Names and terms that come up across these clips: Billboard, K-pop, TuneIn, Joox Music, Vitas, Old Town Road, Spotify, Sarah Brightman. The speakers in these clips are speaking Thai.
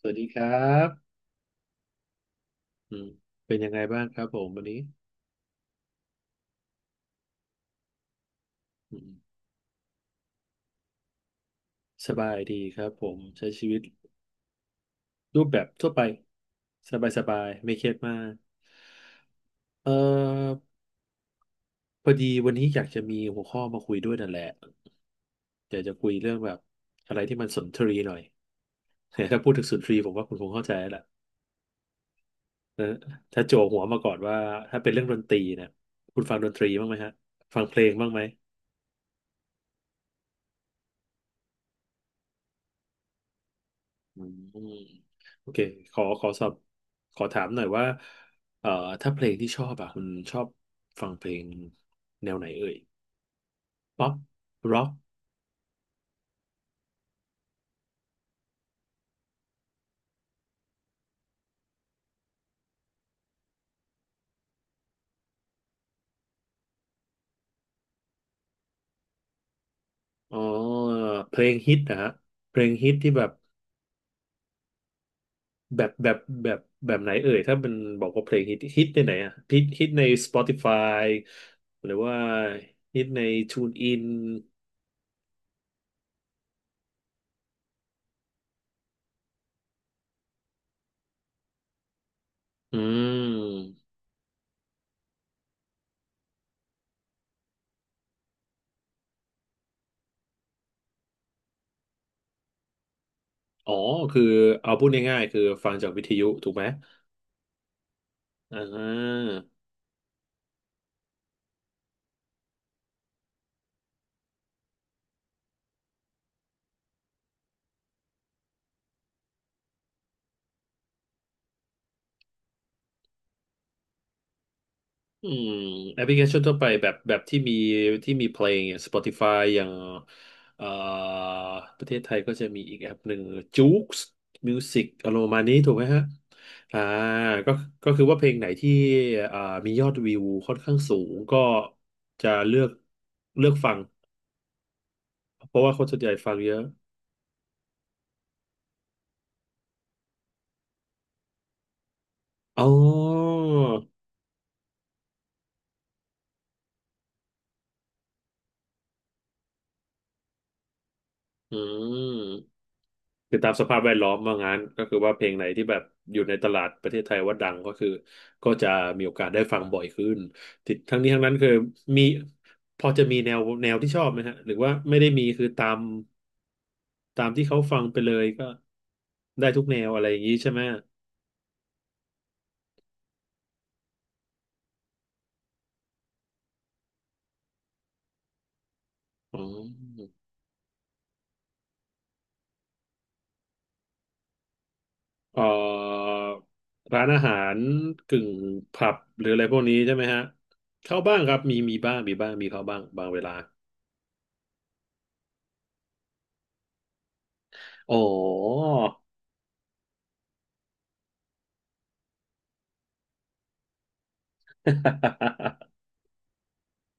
สวัสดีครับอืมเป็นยังไงบ้างครับผมวันนี้อืมสบายดีครับผมใช้ชีวิตรูปแบบทั่วไปสบายสบายไม่เครียดมากเอ่อพอดีวันนี้อยากจะมีหัวข้อมาคุยด้วยนั่นแหละอยากจะคุยเรื่องแบบอะไรที่มันสุนทรีหน่อย ถ้าพูดถึงสุนทรีผมว่าคุณคงเข้าใจแล้วแหละนะถ้าโจัวหัวมาก่อนว่าถ้าเป็นเรื่องดนตรีเนี่ยคุณฟังดนตรีบ้างไหมฮะฟังเพลงบ้างไหม อืมโอเคขอขอถามหน่อยว่าเอ่อถ้าเพลงที่ชอบอะคุณชอบฟังเพลงแนวไหนเอ่ยป๊อปร็อกอ๋อเพลงฮิตนะฮะเพลงฮิตที่แบบแบบแบบแบบไหนเอ่ยถ้าเป็นบอกว่าเพลงฮิตในไหนอะฮิตใน Spotify หรือว่าฮิตใน TuneIn อืมอ๋อคือเอาพูดง่ายๆคือฟังจากวิทยุถูกไหมอ่า อืมแอปพลิเคชันทั่วไปแบบที่มีที่มีเพลงอย่าง Spotify อย่างเอ่อประเทศไทยก็จะมีอีกแอปหนึ่ง Joox Music อารมณ์ประมาณนี้ถูกไหมฮะอ่าก็ก็คือว่าเพลงไหนที่อ่ามียอดวิวค่อนข้างสูงก็จะเลือกฟังเพราะว่าคนส่วนใหญ่ฟังเยอะอ๋ออืม คือตามสภาพแวดล้อมว่างั้นก็คือว่าเพลงไหนที่แบบอยู่ในตลาดประเทศไทยว่าดังก็คือก็จะมีโอกาสได้ฟังบ่อยขึ้นติดทั้งนี้ทั้งนั้นคือมีพอจะมีแนวที่ชอบไหมฮะหรือว่าไม่ได้มีคือตามที่เขาฟังไปเลยก็ได้ทุกแนวอะไรอย่างนี้ใช่ไหมอ๋อเอ่อร้านอาหารกึ่งผับหรืออะไรพวกนี้ใช่ไหมฮะเข้าบ้างครับมีมีบ้างมีบ้างมีเข้าบ้างบางเวลาอ๋อ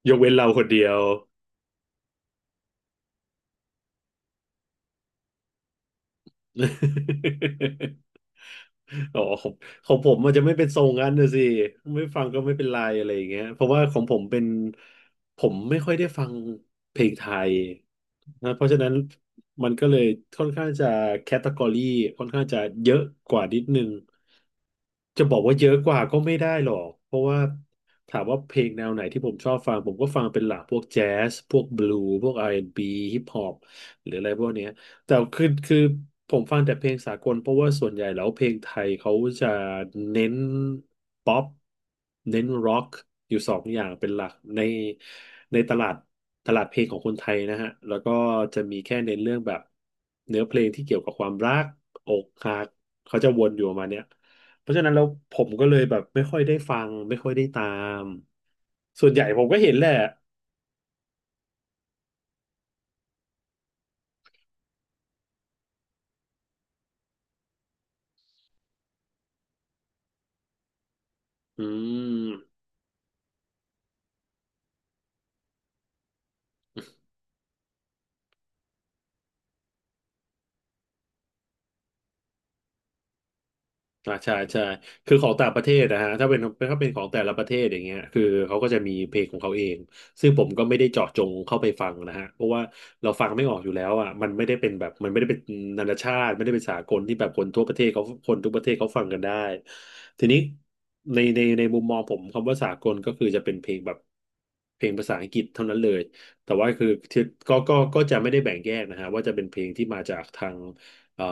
ยกเว้นเราคนเดียว อ๋อของของผมมันจะไม่เป็นทรงนั้นนะสิ ไม่ฟังก็ไม่เป็นไรอะไรอย่างเงี้ยเพราะว่าของผมเป็นผมไม่ค่อยได้ฟังเพลงไทยนะเพราะฉะนั้นมันก็เลยค่อนข้างจะแคตตากรีค่อนข้างจะเยอะกว่านิดนึง จะบอกว่าเยอะกว่าก็ไม่ได้หรอก เพราะว่าถามว่าเพลงแนวไหนที่ผมชอบฟังผมก็ฟังเป็นหลักพวกแจ๊สพวกบลูพวกอาร์แอนด์บีฮิปฮอป หรืออะไรพวกเนี้ยแต่คือผมฟังแต่เพลงสากลเพราะว่าส่วนใหญ่แล้วเพลงไทยเขาจะเน้นป๊อปเน้นร็อกอยู่สองอย่างเป็นหลักในในตลาดเพลงของคนไทยนะฮะแล้วก็จะมีแค่เน้นเรื่องแบบเนื้อเพลงที่เกี่ยวกับความรักอกหักเขาจะวนอยู่ประมาณเนี้ยเพราะฉะนั้นแล้วผมก็เลยแบบไม่ค่อยได้ฟังไม่ค่อยได้ตามส่วนใหญ่ผมก็เห็นแหละอืม อ่าใช่ใช่คือของต่างประเทศนะฮะถ้าเป็นถ้าเป็นของแต่ละประเทศอย่างเงี้ยคือเขาก็จะมีเพลงของเขาเองซึ่งผมก็ไม่ได้เจาะจงเข้าไปฟังนะฮะเพราะว่าเราฟังไม่ออกอยู่แล้วอ่ะมันไม่ได้เป็นแบบมันไม่ได้เป็นนานาชาติไม่ได้เป็นสากลที่แบบคนทั่วประเทศเขาคนทุกประเทศเขาฟังกันได้ทีนี้ในมุมมองผมคำว่าสากลก็คือจะเป็นเพลงแบบเพลงภาษาอังกฤษเท่านั้นเลยแต่ว่าคือที่ก็จะไม่ได้แบ่งแยกนะฮะว่าจะเป็นเพลงที่มาจากทางเอ่อ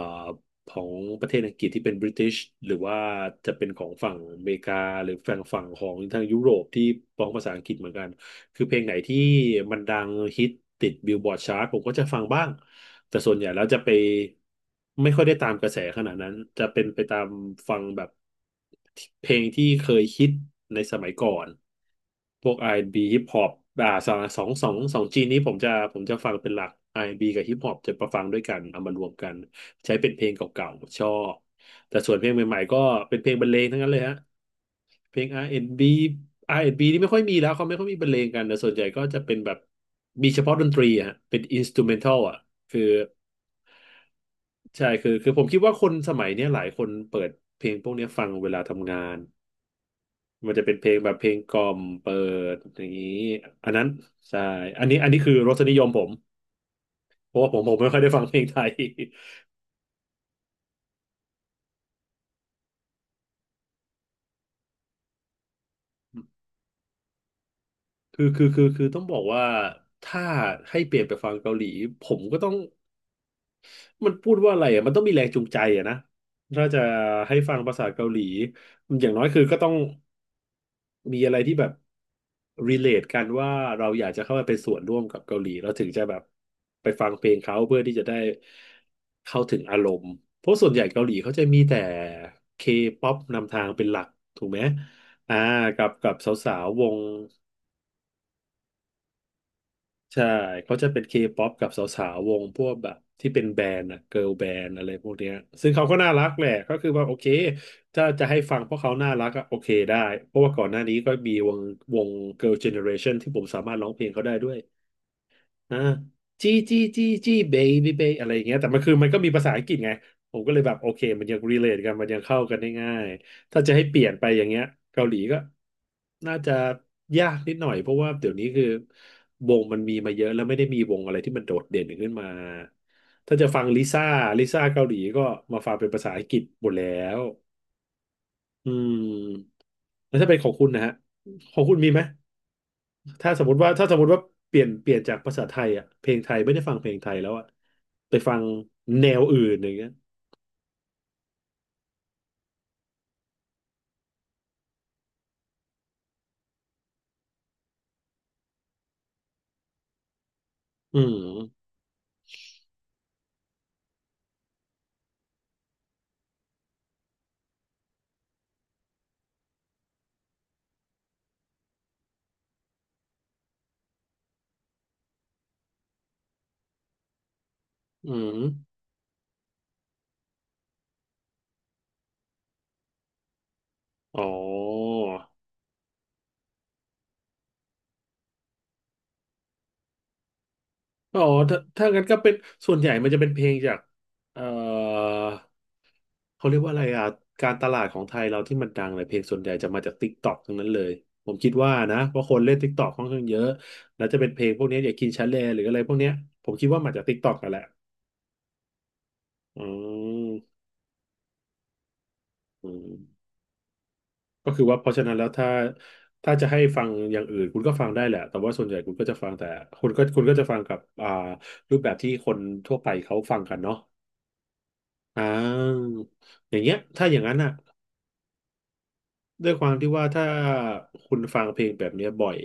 ของประเทศอังกฤษที่เป็นบริติชหรือว่าจะเป็นของฝั่งอเมริกาหรือฝั่งของทางยุโรปที่ร้องภาษาอังกฤษเหมือนกันคือเพลงไหนที่มันดังฮิตติดบิลบอร์ดชาร์ตผมก็จะฟังบ้างแต่ส่วนใหญ่แล้วจะไปไม่ค่อยได้ตามกระแสขนาดนั้นจะเป็นไปตามฟังแบบเพลงที่เคยฮิตในสมัยก่อนพวกอาร์แอนด์บ b ฮิปฮอปอ่าสองจีนนี้ผมจะฟังเป็นหลักอาร์แอนด์บีกับฮิปฮอปจะประฟังด้วยกันเอามารวมกัน ใช้เป็นเพลงเก่าๆชอบ แต่ส่วนเพลงใหม่ๆก็เป็นเพลงบรรเลงทั้งนั้นเลยฮะเพลง R&B R&B นด์บีอาร์แอนด์บีนี่ไม่ค่อยมีแล้วเขาไม่ค่อยมีบรรเลงกันแต่ส่วนใหญ่ก็จะเป็นแบบมีเฉพาะดนตรีอะฮะเป็นอินสตูเมนทัลอ่ะคือใช่คือผมคิดว่าคนสมัยเนี้ยหลายคนเปิดเพลงพวกเนี้ยฟังเวลาทำงานมันจะเป็นเพลงแบบเพลงกล่อมเปิดอย่างนี้อันนั้นใช่อันนี้คือรสนิยมผมเพราะว่าผมไม่ค่อยได้ฟังเพลงไทย คือต้องบอกว่าถ้าให้เปลี่ยนไปฟังเกาหลีผมก็ต้องมันพูดว่าอะไรอ่ะมันต้องมีแรงจูงใจอ่ะนะถ้าจะให้ฟังภาษาเกาหลีอย่างน้อยคือก็ต้องมีอะไรที่แบบ relate กันว่าเราอยากจะเข้าไปเป็นส่วนร่วมกับเกาหลีเราถึงจะแบบไปฟังเพลงเขาเพื่อที่จะได้เข้าถึงอารมณ์เพราะส่วนใหญ่เกาหลีเขาจะมีแต่ K-pop นำทางเป็นหลักถูกไหมอ่ากับสาวๆวง ใช่เขาจะเป็นเคป๊อปกับสาวๆวงพวกแบบที่เป็นแบรนด์อะเกิร์ลแบนด์อะไรพวกเนี้ยซึ่งเขาก็น่ารักแหละก็คือว่าโอเคถ้าจะให้ฟังเพราะเขาน่ารักอะโอเคได้เพราะว่าก่อนหน้านี้ก็มีวงวงเกิร์ลเจเนอเรชันที่ผมสามารถร้องเพลงเขาได้ด้วย อ่าจี้จี้จี้จี้เบบี้เบอะไรอย่างเงี้ยแต่มันคือมันก็มีภาษาอังกฤษไงผมก็เลยแบบโอเคมันยังรีเลทกันมันยังเข้ากันได้ง่ายถ้าจะให้เปลี่ยนไปอย่างเงี้ยเกาหลีก็น่าจะยากนิดหน่อยเพราะว่าเดี๋ยวนี้คือวงมันมีมาเยอะแล้วไม่ได้มีวงอะไรที่มันโดดเด่นขึ้นมาถ้าจะฟังลิซ่าลิซ่าเกาหลีก็มาฟังเป็นภาษาอังกฤษหมดแล้วอืมแล้วถ้าเป็นของคุณนะฮะของคุณมีไหม ถ้าสมมติว่าเปลี่ยนจากภาษาไทยอ่ะเพลงไทยไม่ได้ฟังเพลงไทยแล้วอ่ะไปฟังแนวอื่นอย่างเงี้ยอืมอืมอ๋ออ๋อถ้าถ้างั้นก็เป็นส่วนใหญ่มันจะเป็นเพลงจากเอ่อเขาเรียกว่าอะไรอ่ะการตลาดของไทยเราที่มันดังเลยเพลงส่วนใหญ่จะมาจากติ๊กต็อกทั้งนั้นเลยผมคิดว่านะเพราะคนเล่นติ๊กต็อกค่อนข้างเยอะแล้วจะเป็นเพลงพวกเนี้ยอย่างกินชาเลหรืออะไรพวกเนี้ยผมคิดว่ามาจากติ๊กต็อกกันแหละอืมอืม ก็คือว่าเพราะฉะนั้นแล้วถ้าถ้าจะให้ฟังอย่างอื่นคุณก็ฟังได้แหละแต่ว่าส่วนใหญ่คุณก็จะฟังแต่คุณก็จะฟังกับอ่ารูปแบบที่คนทั่วไปเขาฟังกันเนาะอ่าอย่างเงี้ยถ้าอย่างนั้นอ่ะด้วยความที่ว่าถ้าคุณฟังเพลงแบบเนี้ยบ่อย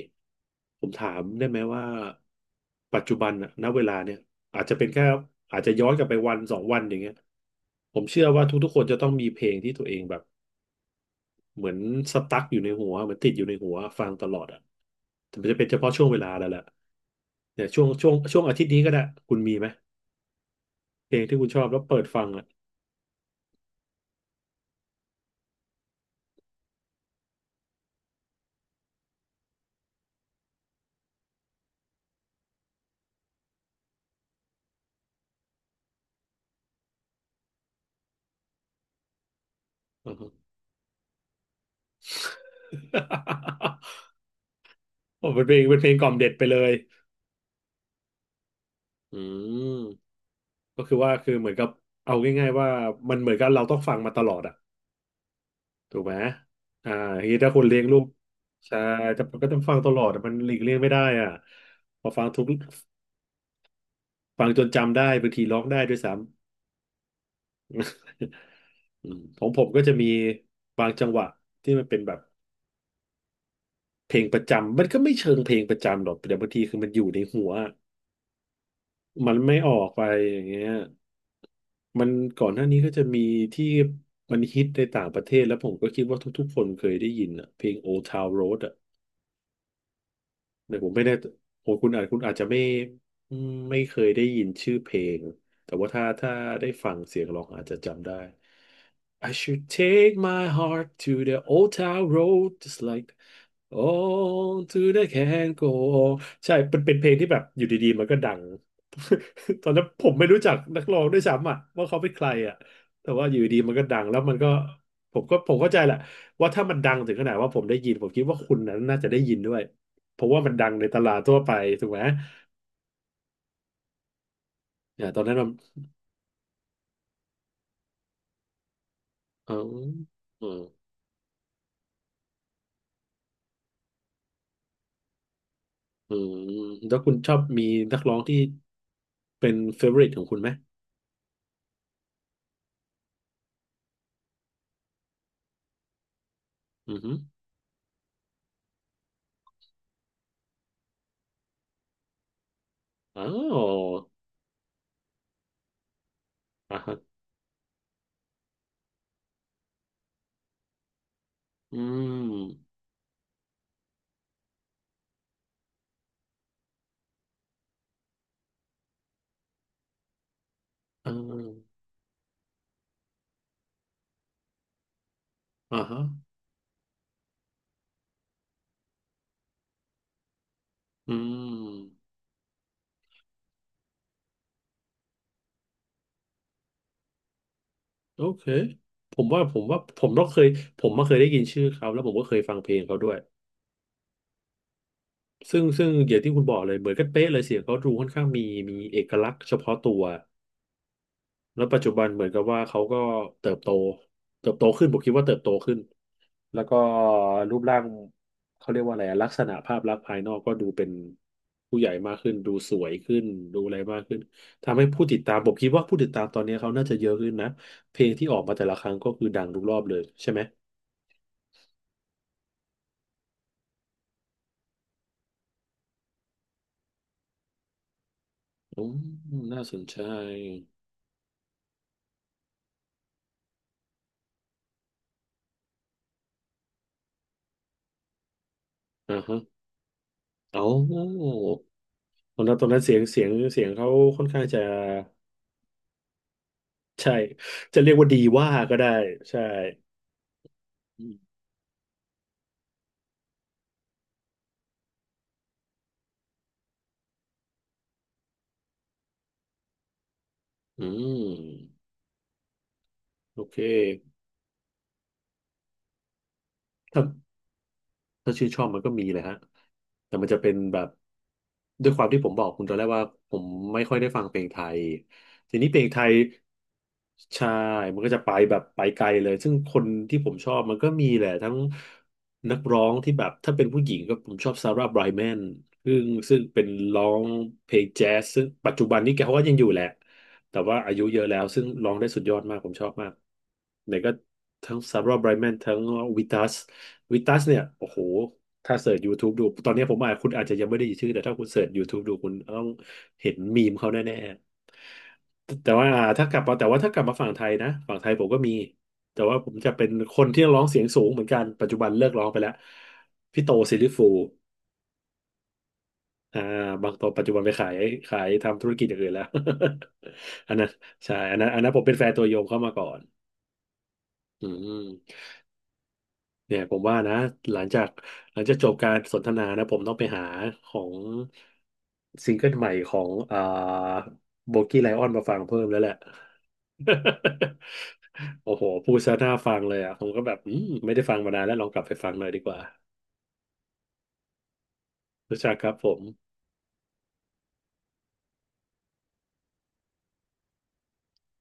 ผมถามได้ไหมว่าปัจจุบันอ่ะณเวลาเนี่ยอาจจะเป็นแค่อาจจะย้อนกลับไปวันสองวันอย่างเงี้ยผมเชื่อว่าทุกๆคนจะต้องมีเพลงที่ตัวเองแบบ เหมือนสตั๊กอยู่ในหัวเหมือนติดอยู่ในหัวฟังตลอดอ่ะแต่มันจะเป็นเฉพาะช่วงเวลาแล้วแหละเนี่ยช่วงอาทิตย์นี้ก็ได้คุณมีไหมเพลงที่คุณชอบแล้วเปิดฟังอ่ะ อือฮึ โอ้เป็นเพลงเป็นเพลงกล่อมเด็ดไปเลยอืมก็คือว่าคือเหมือนกับเอาง่ายๆว่ามันเหมือนกับเราต้องฟังมาตลอดอ่ะถูกไหมอ่าทีนี้ถ้าคนเลี้ยงลูกใช่แต่มันก็ต้องฟังตลอดอะมันหลีกเลี่ยงไม่ได้อ่ะพอฟังทุกฟังจนจำได้บางทีร้องได้ด้วยซ้ำ อืมของผมก็จะมีบางจังหวะที่มันเป็นแบบเพลงประจำมันก็ไม่เชิงเพลงประจำหรอกแต่บางทีคือมันอยู่ในหัวมันไม่ออกไปอย่างเงี้ยมันก่อนหน้านี้ก็จะมีที่มันฮิตในต่างประเทศแล้วผมก็คิดว่าทุกๆคนเคยได้ยินอะเพลง Old Town Road เนี่ยผมไม่แน่โอ้คุณอาจจะไม่อืมไม่เคยได้ยินชื่อเพลงแต่ว่าถ้าได้ฟังเสียงร้องอาจจะจำได้ I should take my heart to the old town road just like on to the can go on ใช่เป็นเป็นเพลงที่แบบอยู่ดีๆมันก็ดัง ตอนนั้นผมไม่รู้จักนักร้องด้วยซ้ำอ่ะว่าเขาเป็นใครอ่ะแต่ว่าอยู่ดีๆมันก็ดังแล้วมันก็ผมเข้าใจแหละว่าถ้ามันดังถึงขนาดว่าผมได้ยินผมคิดว่าคุณนั้นน่าจะได้ยินด้วย เพราะว่ามันดังในตลาดทั่วไปถูกไหมเนี่ยตอนนั้นมันเออเอืมอืแล้วคุณชอบมีนักร้องที่เป็นเฟเวอริตของคุณไหมอือฮึอ๋ออ่าฮะอืมอ่าอ่าฮะอืมโอเค ผมว่าผมต้องเคยผมมาเคยได้ยินชื่อเขาแล้วผมก็เคยฟังเพลงเขาด้วย ซึ่งอย่างที่คุณบอกเลยเหมือนกันเป๊ะเลยเสียงเขาดูค่อนข้างมีเอกลักษณ์เฉพาะตัว แล้วปัจจุบันเหมือนกับว่าเขาก็เติบโตเติบโตขึ้นผมคิดว่าเติบโตขึ้นแล้วก็รูปร่างเขาเรียกว่าอะไรลักษณะภาพลักษณ์ภายนอกก็ดูเป็นผู้ใหญ่มากขึ้นดูสวยขึ้นดูอะไรมากขึ้นทำให้ผู้ติดตามผมคิดว่าผู้ติดตามตอนนี้เขาน่าจะเยอะขึ้นนะเพลงที่ออกมาแต่ละครั้งก็คือดังทุกรอบเลยใช่ไหมอืมน่าสนใจอ่าฮะเอาตอนนั้นเสียงเขาค่อนข้างจะใช่จะเรียกว่าดีว่าก็ได้ใช่อืม อืมโอเคถ้าถ้าชื่นชอบมันก็มีเลยฮะแต่มันจะเป็นแบบด้วยความที่ผมบอกคุณตอนแรกว่าผมไม่ค่อยได้ฟังเพลงไทยทีนี้เพลงไทยใช่มันก็จะไปแบบไปไกลเลยซึ่งคนที่ผมชอบมันก็มีแหละทั้งนักร้องที่แบบถ้าเป็นผู้หญิงก็ผมชอบซาร่าไบรแมนซึ่งเป็นร้องเพลงแจ๊สซึ่งปัจจุบันนี้แกก็ยังอยู่แหละ แต่ว่าอายุเยอะแล้วซึ่งร้องได้สุดยอดมากผมชอบมากไหนก็ทั้งซาร่าไบรแมนทั้งวิตัสวิตัสเนี่ยโอ้โหถ้าเสิร์ช YouTube ดูตอนนี้ผมอาจคุณอาจจะยังไม่ได้ยินชื่อแต่ถ้าคุณเสิร์ช YouTube ดูคุณต้องเห็นมีมเขาแน่ๆแต่ว่าถ้ากลับมาฝั่งไทยนะฝั่งไทยผมก็มีแต่ว่าผมจะเป็นคนที่ร้องเสียงสูงเหมือนกันปัจจุบันเลิกร้องไปแล้วพี่โตซิลลิฟูล อ่าบางตัวปัจจุบันไปขายทำธุรกิจอย่างอื่นแล้ว อันนั้นใช่อันนั้นผมเป็นแฟนตัวยงเข้ามาก่อนอืมเนี่ยผมว่านะหลังจากหลังจากจบการสนทนานะผมต้องไปหาของซิงเกิลใหม่ของโบกี้ไลออนมาฟังเพิ่มแล้วแหละ โอ้โหพูดซะน่าฟังเลยอ่ะผมก็แบบอืมไม่ได้ฟังมานานแล้วลองกลับไปฟังหน่อยดีกว่ารู้จักครับผม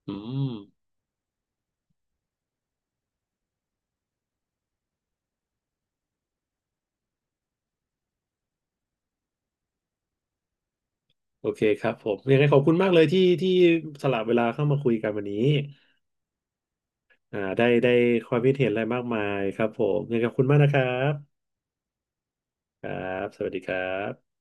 อืม โอเคครับผมยังไงขอบคุณมากเลยที่สละเวลาเข้ามาคุยกันวันนี้อ่าได้ได้ความคิดเห็นอะไรมากมายครับผมยังไงขอบคุณมากนะครับครับสวัสดีครับ